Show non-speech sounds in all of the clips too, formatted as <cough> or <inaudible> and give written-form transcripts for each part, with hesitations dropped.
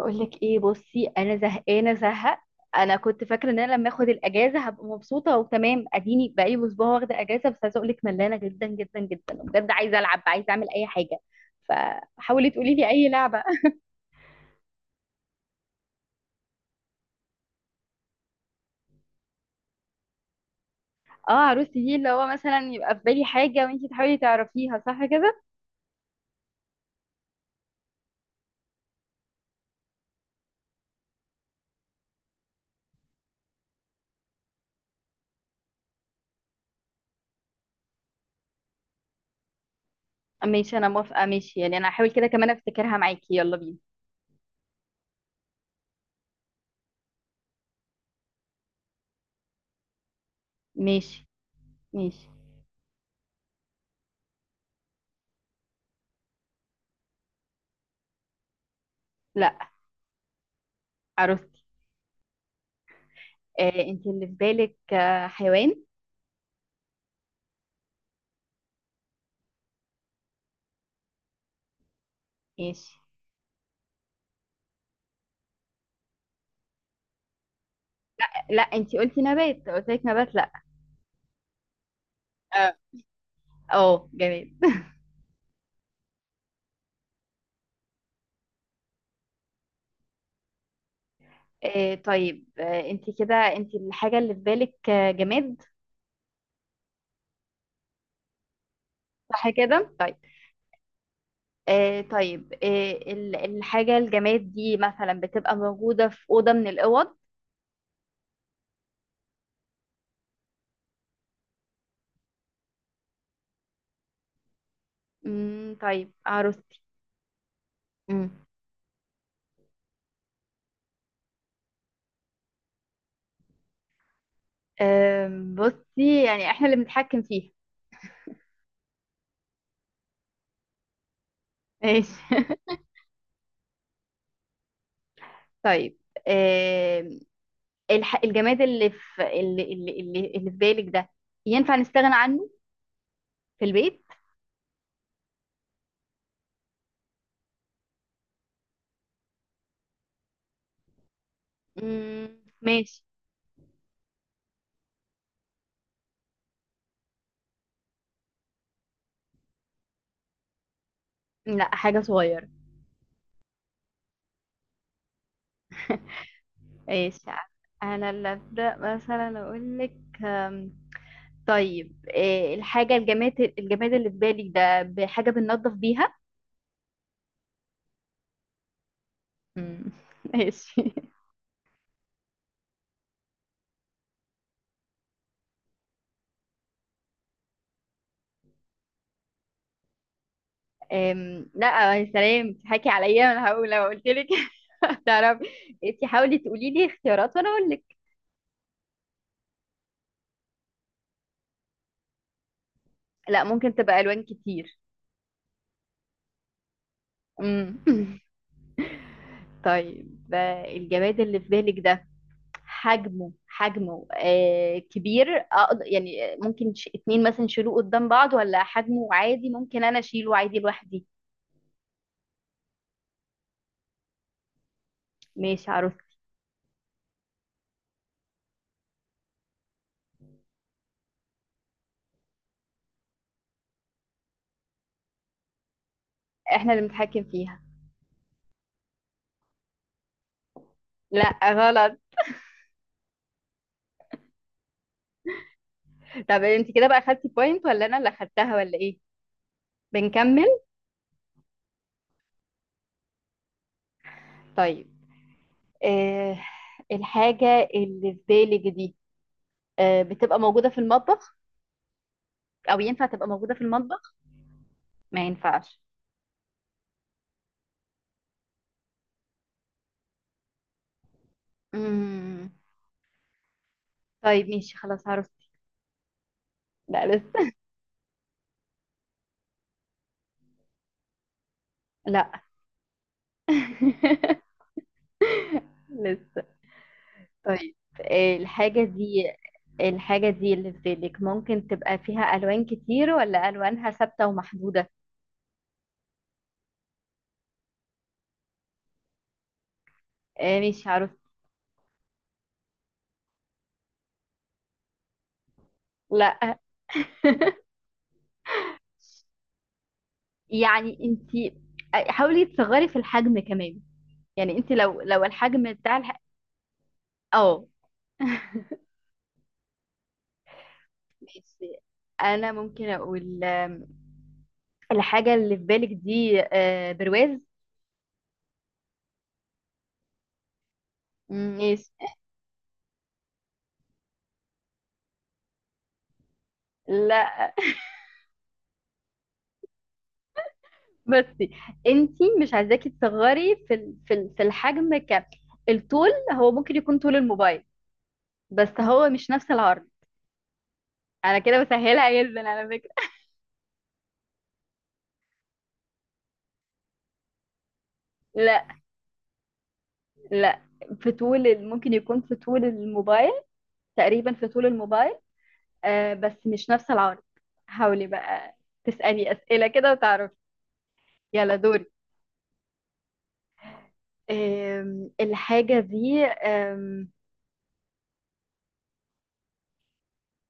اقول لك ايه؟ بصي، انا زهقانه زهق. انا كنت فاكره ان انا لما اخد الاجازه هبقى مبسوطه وتمام، اديني بقالي اسبوع واخده اجازه، بس عايزه اقول لك ملانه جدا جدا جدا بجد، عايزه العب، عايزه اعمل اي حاجه. فحاولي تقولي لي اي لعبه. <laughs> اه، عروستي دي اللي هو مثلا يبقى في بالي حاجه وانتي تحاولي تعرفيها، صح كده؟ ماشي، انا موافقه، ماشي يعني انا هحاول كده كمان افتكرها معاكي، يلا بينا. ماشي. ماشي. لا. عروستي. انتي اللي في بالك، حيوان. ماشي. لا، انتي قلتي نبات، قلت لك نبات. لا. اه، جماد. طيب انت كده، انت الحاجة اللي في بالك جماد. صح كده، طيب. ال- الحاجة الجماد دي مثلا بتبقى موجودة في أوضة من الأوض. مم طيب عروستي. مم. آه بصي، يعني احنا اللي بنتحكم فيها. ماشي. <laughs> طيب، آه الح... الجماد اللي في اللي في بالك ده ينفع نستغنى عنه في البيت؟ مم. ماشي. لا، حاجة صغيرة. ايش. انا اللي ابدا مثلا اقول لك. أم، طيب، إيه الحاجه الجماد الجماد اللي في بالك ده بحاجه بننظف بيها؟ أمم، <laughs> ماشي. لا، يا سلام تضحكي عليا، انا هقول لو قلت لك. <laughs> تعرفي، انت حاولي تقولي لي اختيارات وانا اقول لك. لا، ممكن تبقى الوان كتير. أمم. <laughs> طيب، الجماد اللي في بالك ده حجمه، حجمه كبير، يعني ممكن اتنين مثلا يشيلوه قدام بعض، ولا حجمه عادي ممكن انا اشيله عادي لوحدي؟ ماشي عروس. احنا اللي بنتحكم فيها. لا غلط. طب انت كده بقى خدتي بوينت ولا انا اللي خدتها ولا ايه؟ بنكمل. طيب، آه الحاجة اللي في بالك دي بتبقى موجودة في المطبخ، او ينفع تبقى موجودة في المطبخ؟ ما ينفعش. مم. طيب ماشي، خلاص عرفت. لا لسه. لا. <laughs> لسه. طيب، الحاجة دي، الحاجة دي اللي في بالك ممكن تبقى فيها ألوان كتير، ولا ألوانها ثابتة ومحدودة؟ مش عارف. لا، يعني انت حاولي تصغري في الحجم كمان، يعني انت لو لو الحجم بتاع الح... اه. ماشي. انا ممكن اقول الحاجة اللي في بالك دي برواز. ماشي. لا. بصي، انت مش عايزاكي تصغري في الحجم، الطول هو ممكن يكون طول الموبايل، بس هو مش نفس العرض، انا كده بسهلها جدا على فكرة. لا. لا، في طول ال- ممكن يكون في طول الموبايل، تقريبا في طول الموبايل، بس مش نفس العرض. حاولي بقى تسألي أسئلة كده وتعرفي. يلا دوري. الحاجة دي،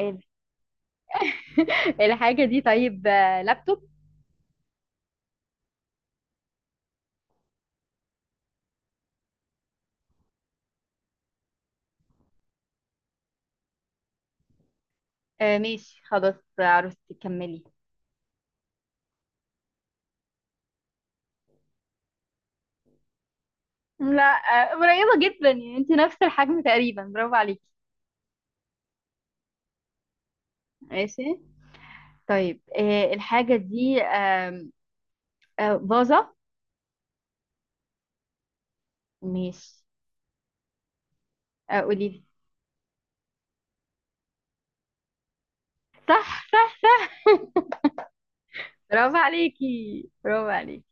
ال- <laughs> الحاجة دي، طيب لابتوب. آه ماشي خلاص. عروستي كملي. لا، قريبة جدا، يعني انت نفس الحجم تقريبا، برافو عليكي. ماشي. طيب، الحاجة دي باظة. ماشي. آه، قولي لي. صح، صح، صح، برافو عليكي، برافو عليكي.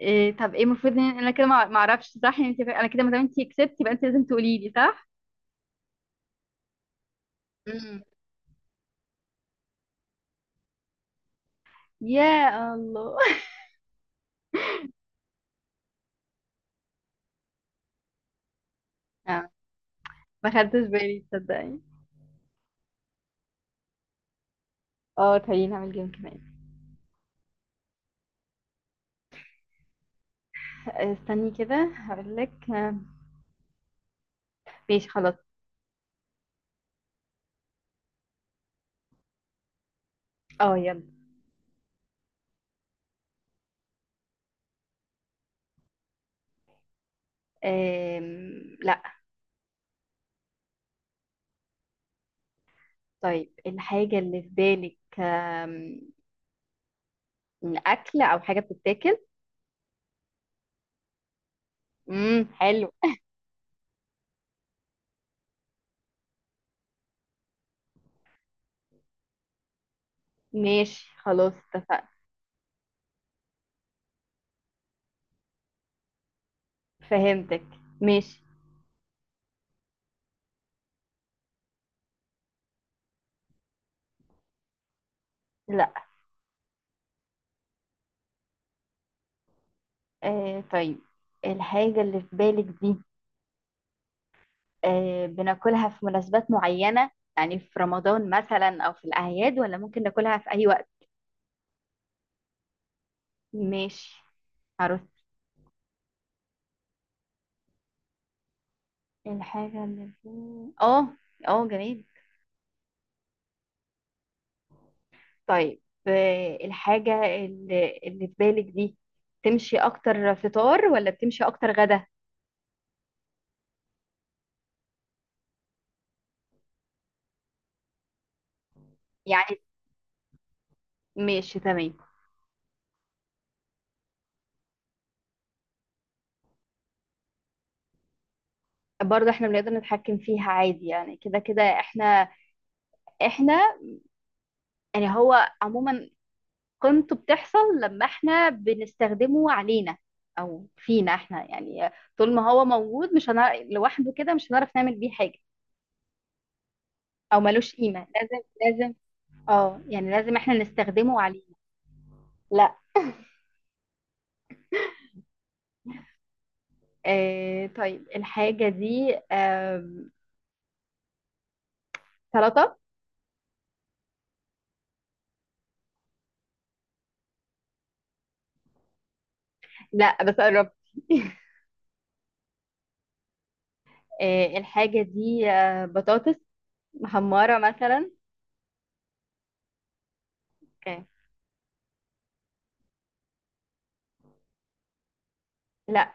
إيه؟ طب ايه المفروض ان انا كده ما اعرفش صح؟ يعني انت انا كده ما دام انت كسبتي يبقى انت لازم تقولي لي صح. امم. يا الله. <laughs> آه، ما خدتش بالي تصدقني. اه تعالي نعمل جيم كمان. استني كده هقول لك. ماشي خلاص. اه يلا. لا. طيب الحاجة اللي في بالك أكل أو حاجة بتتاكل. حلو. ماشي خلاص، اتفقنا. فهمتك. ماشي. لا. طيب الحاجة اللي في بالك دي بناكلها في مناسبات معينة، يعني في رمضان مثلا أو في الأعياد، ولا ممكن ناكلها في أي وقت؟ ماشي، عرفت. الحاجة اللي في. اه. اه جميل. طيب، الحاجة اللي في بالك دي تمشي أكتر فطار، ولا بتمشي أكتر غدا؟ يعني. ماشي تمام. برضه احنا بنقدر نتحكم فيها عادي يعني، كده كده احنا يعني، هو عموما قيمته بتحصل لما احنا بنستخدمه علينا، او فينا احنا يعني، طول ما هو موجود مش هنعرف لوحده كده مش هنعرف نعمل بيه حاجة، او ملوش قيمة، لازم لازم. اه يعني لازم احنا نستخدمه علينا. لا. طيب الحاجة دي سلطة. لا، بس قربت. <laughs> الحاجة دي بطاطس محمرة مثلا. اوكي. لا.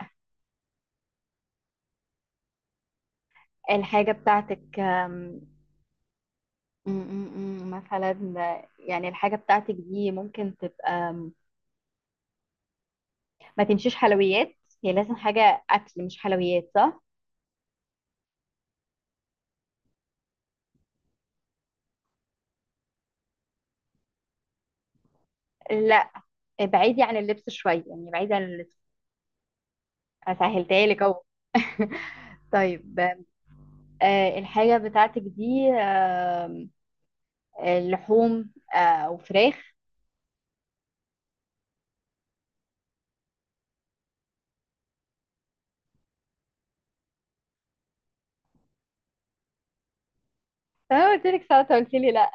الحاجة بتاعتك، م- م- م. مثلا يعني الحاجة بتاعتك دي ممكن تبقى، ما تمشيش حلويات، هي لازم حاجة أكل مش حلويات، صح؟ لا. بعيدي عن اللبس شوية، يعني بعيدي عن اللبس، سهلتها لك أهو. <laughs> طيب، الحاجة بتاعتك دي لحوم أو فراخ. أنا قلت لك ساعتها قلت لي لا.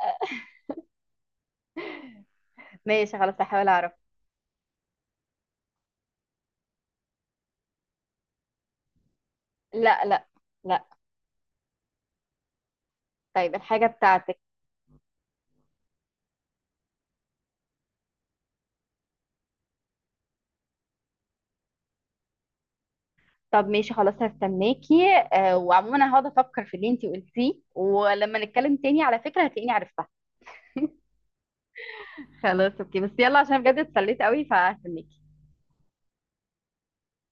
ماشي خلاص، هحاول أعرف. لا لا. لا. طيب الحاجة بتاعتك. طب ماشي خلاص، هستناكي. وعموما انا هقعد افكر في اللي انتي قلتيه، ولما نتكلم تاني على فكرة هتلاقيني عرفتها. خلاص اوكي، بس يلا عشان بجد اتسليت قوي، فهستناكي.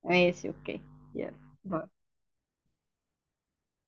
ماشي اوكي. يلا باي.